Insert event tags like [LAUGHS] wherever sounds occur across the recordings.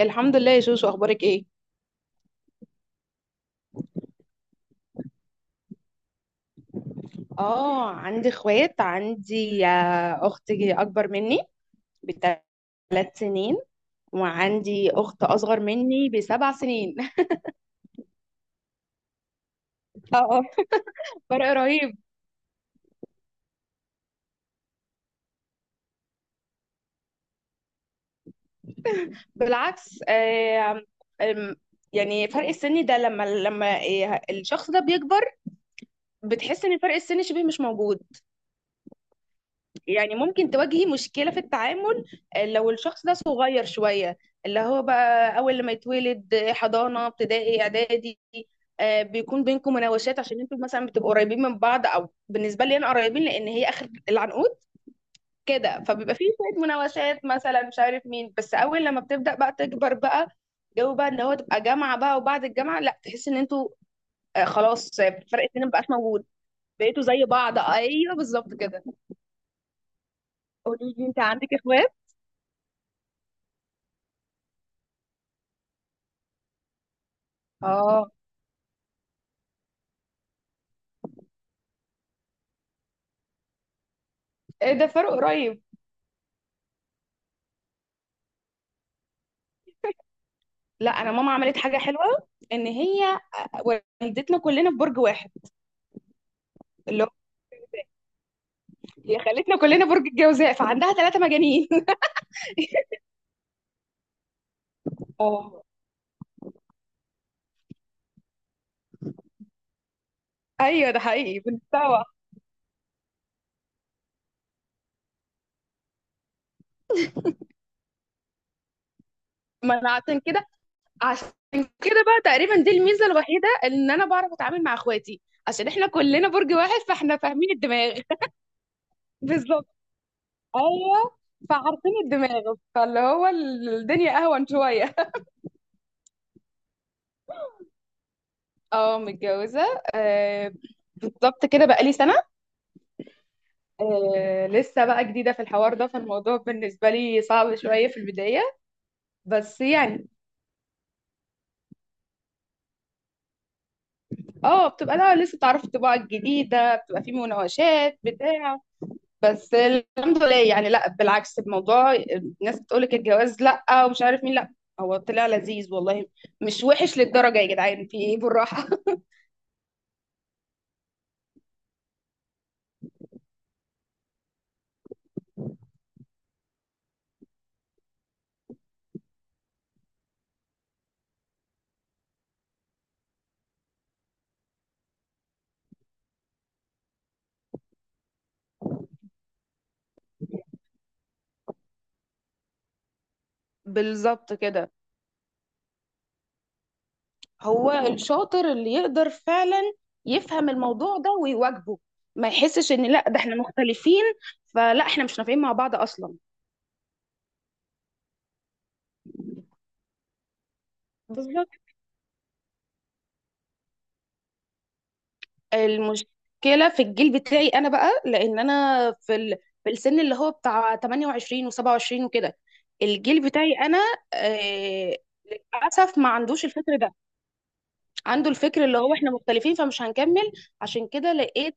الحمد لله يا شوشو، اخبارك ايه؟ اه، عندي اخوات. عندي اختي اكبر مني ب3 سنين، وعندي اخت اصغر مني ب7 سنين. [LAUGHS] اه، فرق رهيب. بالعكس آم، يعني فرق السن ده لما الشخص ده بيكبر، بتحس ان فرق السن شبه مش موجود. يعني ممكن تواجهي مشكلة في التعامل، لو الشخص ده صغير شوية، اللي هو بقى أول لما يتولد، حضانة ابتدائي إعدادي، بيكون بينكم مناوشات عشان انتوا مثلا بتبقوا قريبين من بعض، او بالنسبة لي انا، قريبين لان هي اخر العنقود كده، فبيبقى فيه شوية مناوشات، مثلا مش عارف مين. بس اول لما بتبدأ بقى تكبر بقى، جو بقى ان هو تبقى جامعة بقى وبعد الجامعة، لا، تحس ان انتوا خلاص، فرق السن مبقاش موجود. بقيتوا زي بعض، ايوه بالظبط كده. قولي لي انت، عندك اخوات؟ اه، إيه ده فرق قريب. لا، انا ماما عملت حاجه حلوه، ان هي والدتنا كلنا في برج واحد. اللي هو هي خلتنا كلنا برج الجوزاء، فعندها 3 مجانين. [LAUGHS] اه، ايوه ده حقيقي، بنتسوى. ما انا عشان كده عشان كده بقى تقريبا دي الميزه الوحيده، ان انا بعرف اتعامل مع اخواتي عشان احنا كلنا برج واحد، فاحنا فاهمين الدماغ. [LAUGHS] بالظبط. ايوه. فعارفين الدماغ، فاللي هو الدنيا اهون شويه. [LAUGHS] اه، متجوزه آه. بالظبط كده، بقالي سنه. آه، لسه بقى جديدة في الحوار ده، فالموضوع بالنسبة لي صعب شوية في البداية. بس يعني اه، بتبقى، لا، لسه بتعرف الطباعة الجديدة، بتبقى في مناقشات بتاع. بس الحمد لله يعني، لا، بالعكس الموضوع. الناس بتقولك الجواز لا، ومش عارف مين لا، هو طلع لذيذ والله. مش وحش للدرجة يا جدعان، في ايه، بالراحة. [LAUGHS] بالظبط كده. هو الشاطر اللي يقدر فعلا يفهم الموضوع ده ويواجهه، ما يحسش ان لا ده احنا مختلفين، فلا احنا مش نافعين مع بعض اصلا. بالظبط. المشكله في الجيل بتاعي انا بقى، لان انا في السن اللي هو بتاع 28 و27 وكده. الجيل بتاعي انا آه... للاسف ما عندوش الفكر ده. عنده الفكر اللي هو احنا مختلفين فمش هنكمل. عشان كده لقيت،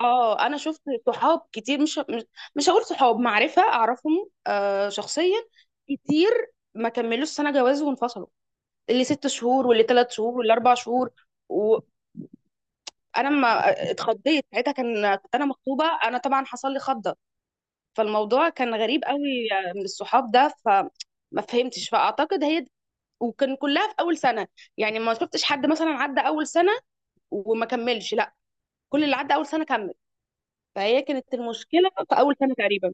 اه، انا شفت صحاب كتير مش. مش هقول صحاب معرفه، اعرفهم آه شخصيا، كتير ما كملوش سنه جواز وانفصلوا. اللي 6 شهور واللي 3 شهور واللي 4 شهور. وانا ما اتخضيت ساعتها، كنت انا مخطوبه، انا طبعا حصل لي خضه. فالموضوع كان غريب قوي من الصحاب ده، فما فهمتش. فاعتقد هي وكان كلها في اول سنه. يعني ما شفتش حد مثلا عدى اول سنه وما كملش، لا، كل اللي عدى اول سنه كمل. فهي كانت المشكله في اول سنه تقريبا.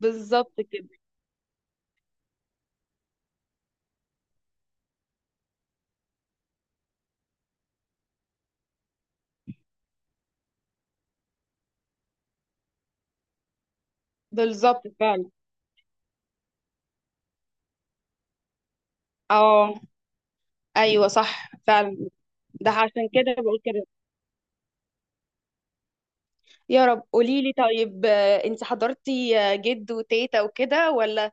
بالظبط كده. بالظبط فعلا. اه ايوه صح فعلا. ده عشان كده بقول كده. يا رب، قولي لي طيب، انت حضرتي جد وتيتا وكده ولا؟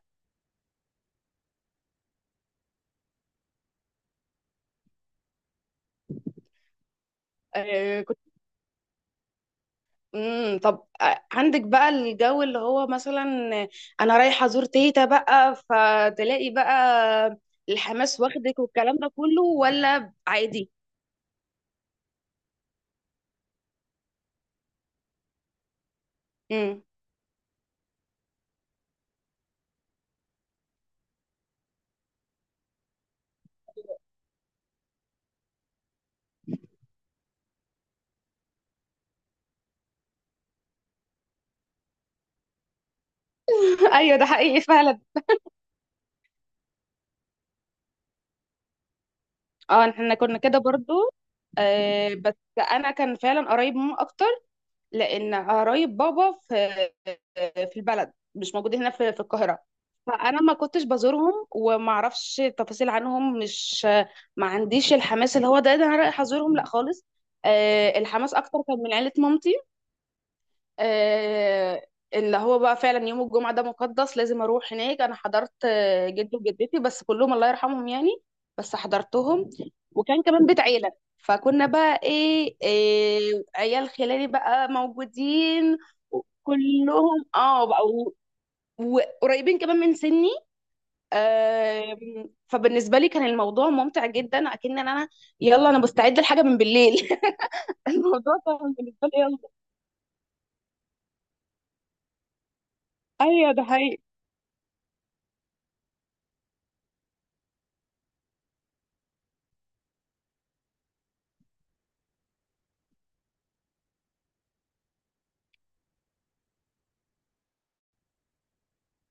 كنت طب عندك بقى الجو اللي هو مثلا انا رايحه ازور تيتا بقى فتلاقي بقى الحماس واخدك والكلام ده كله، ولا عادي؟ امم. [LAUGHS] ايوه ده حقيقي فعلا. اه احنا كنا كده برضو، بس انا كان فعلا قريب ماما اكتر، لان قرايب بابا في البلد، مش موجود هنا في القاهره. فانا ما كنتش بزورهم وما اعرفش تفاصيل عنهم، مش ما عنديش الحماس اللي هو ده انا رايح ازورهم، لا خالص. الحماس اكتر كان من عيله مامتي، آه، اللي هو بقى فعلا يوم الجمعة ده مقدس، لازم أروح هناك. أنا حضرت جدي وجدتي بس، كلهم الله يرحمهم يعني، بس حضرتهم. وكان كمان بيت عيلة، فكنا بقى إيه, عيال خلاني بقى موجودين كلهم، اه بقوا، وقريبين كمان من سني. فبالنسبة لي كان الموضوع ممتع جدا، أكن أنا يلا أنا مستعدة لحاجة من بالليل. [LAUGHS] الموضوع كان بالنسبة لي يلا. أيوه ده حقيقي.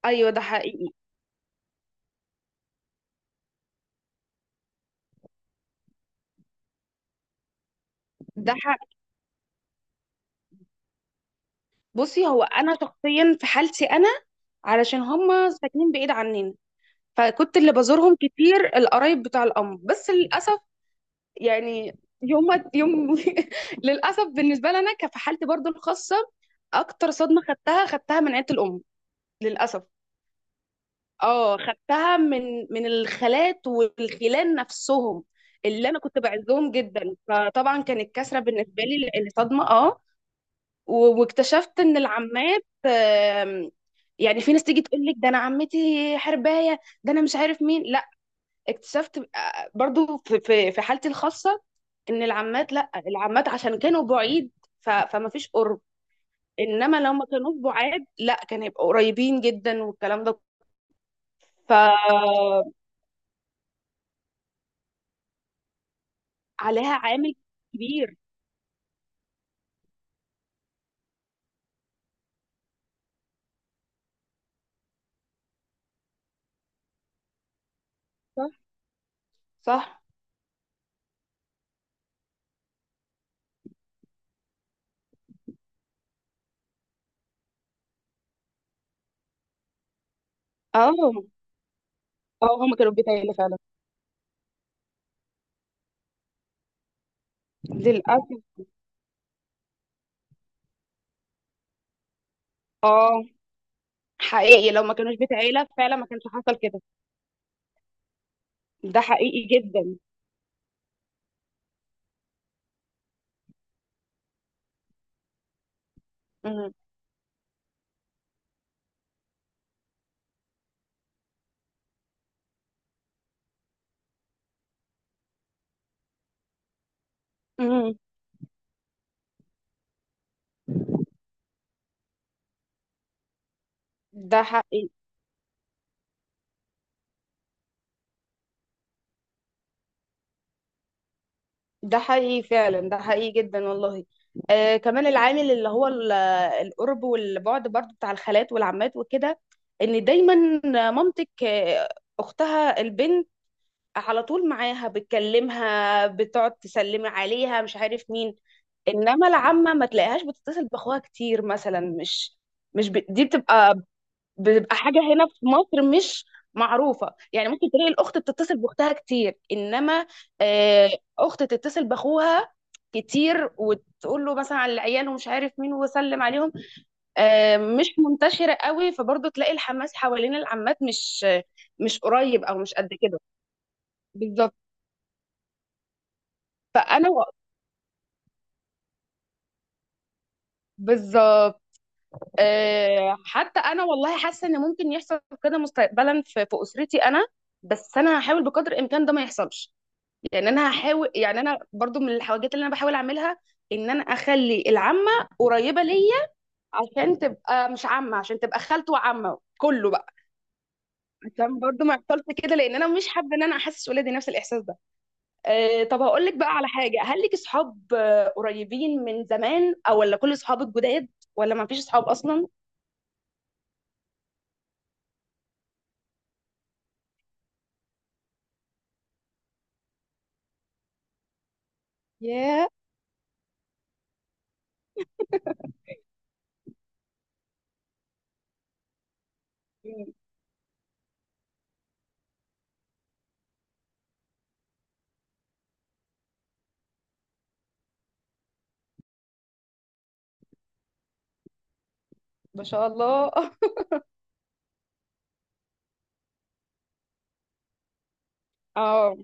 أيوه ده حقيقي. ده حقيقي. بصي، هو انا شخصيا في حالتي انا، علشان هما ساكنين بعيد عننا، فكنت اللي بزورهم كتير القرايب بتاع الام، بس للاسف يعني، يوم يوم. [LAUGHS] للاسف بالنسبه لنا، كفي حالتي برضو الخاصه، اكتر صدمه خدتها من عيله الام للاسف. اه خدتها من الخالات والخلان نفسهم، اللي انا كنت بعزهم جدا، فطبعا كانت كسره بالنسبه لي لان صدمه اه. واكتشفت ان العمات يعني في ناس تيجي تقول لك ده انا عمتي حربايه، ده انا مش عارف مين لا. اكتشفت برضو في حالتي الخاصه ان العمات، لا، العمات عشان كانوا بعيد فما فيش قرب. انما لو ما كانوا بعاد، لا، كان هيبقوا قريبين جدا والكلام ده. فعليها عامل كبير. صح. صح. اه. اه هما كانوا في بيت عيله فعلا. للاسف. اه حقيقي، لو ما كانوش بيت عيله فعلا ما كانش حصل كده. ده حقيقي جدا. مم. مم. ده حقيقي. ده حقيقي فعلا. ده حقيقي جدا والله. آه كمان العامل اللي هو القرب والبعد برضو، بتاع الخالات والعمات وكده، ان دايما مامتك اختها البنت على طول معاها، بتكلمها بتقعد تسلمي عليها مش عارف مين. انما العمه ما تلاقيهاش بتتصل باخوها كتير مثلا، مش مش ب... دي بتبقى بتبقى حاجة هنا في مصر مش معروفة. يعني ممكن تلاقي الأخت بتتصل بأختها كتير، إنما آه، أخت تتصل بأخوها كتير وتقول له مثلا على العيال ومش عارف مين وسلم عليهم، مش منتشرة قوي. فبرضه تلاقي الحماس حوالين العمات مش مش قريب أو مش قد كده. بالظبط. فأنا و- بالظبط. حتى أنا والله حاسة إن ممكن يحصل كده مستقبلا في في أسرتي أنا، بس أنا هحاول بقدر الإمكان ده ما يحصلش. يعني انا هحاول، يعني انا برضو من الحاجات اللي انا بحاول اعملها، ان انا اخلي العمه قريبه ليا عشان تبقى مش عمه، عشان تبقى خالته وعمه كله بقى، عشان برضو ما يحصلش كده، لان انا مش حابه ان انا احسس ولادي نفس الاحساس ده. أه طب هقول لك بقى على حاجه، هل لك اصحاب قريبين من زمان، او ولا كل اصحابك جداد، ولا ما فيش اصحاب اصلا؟ ياه. مم. ما شاء الله. [LAUGHS] اه.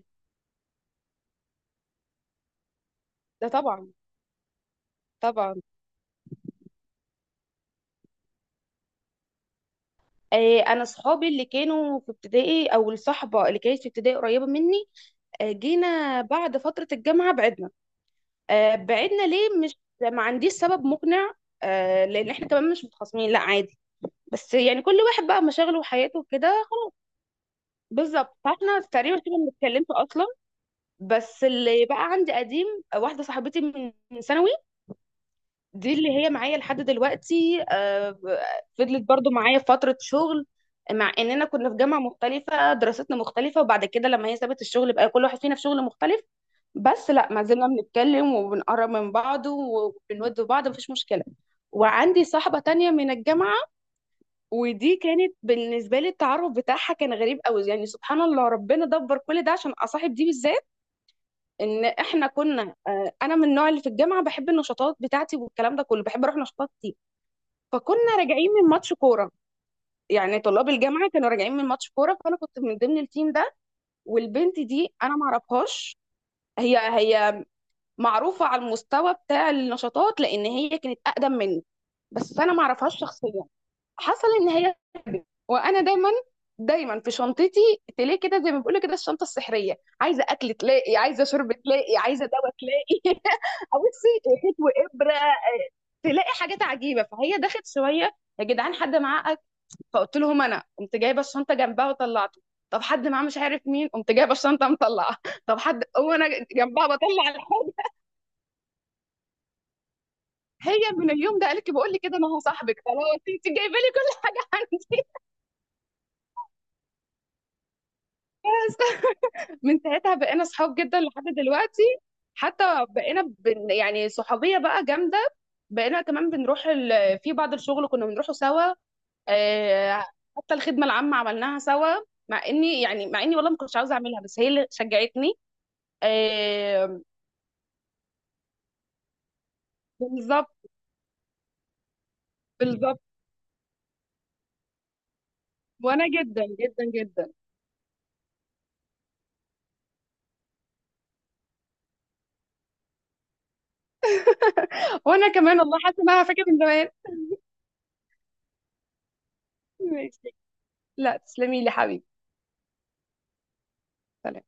ده طبعا. طبعا. انا اصحابي اللي كانوا في ابتدائي، او الصحبه اللي كانت في ابتدائي، قريبه مني. جينا بعد فترة الجامعة بعدنا، بعدنا ليه؟ مش ما عنديش سبب مقنع. لأن احنا كمان مش متخاصمين لا، عادي، بس يعني كل واحد بقى مشاغله وحياته وكده خلاص. بالظبط، فاحنا تقريبا كده ما اتكلمت أصلا. بس اللي بقى عندي قديم، واحدة صاحبتي من ثانوي، دي اللي هي معايا لحد دلوقتي. فضلت برضو معايا في فترة شغل، مع اننا كنا في جامعة مختلفة، دراستنا مختلفة. وبعد كده لما هي سابت الشغل بقى، كل واحد فينا في شغل مختلف. بس لا، ما زلنا بنتكلم وبنقرب من بعض وبنود بعض، مفيش مشكلة. وعندي صاحبة تانية من الجامعة، ودي كانت بالنسبة لي التعرف بتاعها كان غريب قوي. يعني سبحان الله، ربنا دبر كل ده عشان أصاحب دي بالذات. إن إحنا كنا أنا من النوع اللي في الجامعة بحب النشاطات بتاعتي والكلام ده كله، بحب أروح نشاطات كتير. فكنا راجعين من ماتش كورة، يعني طلاب الجامعة كانوا راجعين من ماتش كورة، فأنا كنت من ضمن التيم ده، والبنت دي أنا معرفهاش. هي معروفة على المستوى بتاع النشاطات لأن هي كانت أقدم مني، بس أنا معرفهاش شخصيا. حصل إن هي وأنا دايما في شنطتي تلاقي كده، زي ما بيقولوا كده الشنطة السحرية، عايزة أكل تلاقي، عايزة شرب تلاقي، عايزة دواء تلاقي. [LAUGHS] بصي، خيط وإبرة، تلاقي حاجات عجيبة. فهي دخلت شوية، يا جدعان حد معاه أكل؟ فقلت لهم أنا، قمت جايبة الشنطة جنبها وطلعته. طب حد معاه مش عارف مين، قمت جايبة الشنطة مطلعة. [LAUGHS] طب حد، وأنا جنبها بطلع. هي من اليوم ده قالت لي، بقول لي كده، انا هو صاحبك خلاص، انت جايبه لي كل حاجه عندي. [LAUGHS] من ساعتها بقينا صحاب جدا لحد دلوقتي. حتى بقينا يعني صحوبيه بقى جامده. بقينا كمان بنروح في بعض الشغل كنا بنروحه سوا، آه، حتى الخدمه العامه عملناها سوا، مع اني يعني، مع اني والله ما كنتش عاوزه اعملها بس هي اللي شجعتني. آه، بالظبط. بالظبط، وانا جدا جدا جدا. وانا كمان والله حاسه ان انا فاكره من زمان. ماشي، لا تسلمي لي حبيبي. سلام.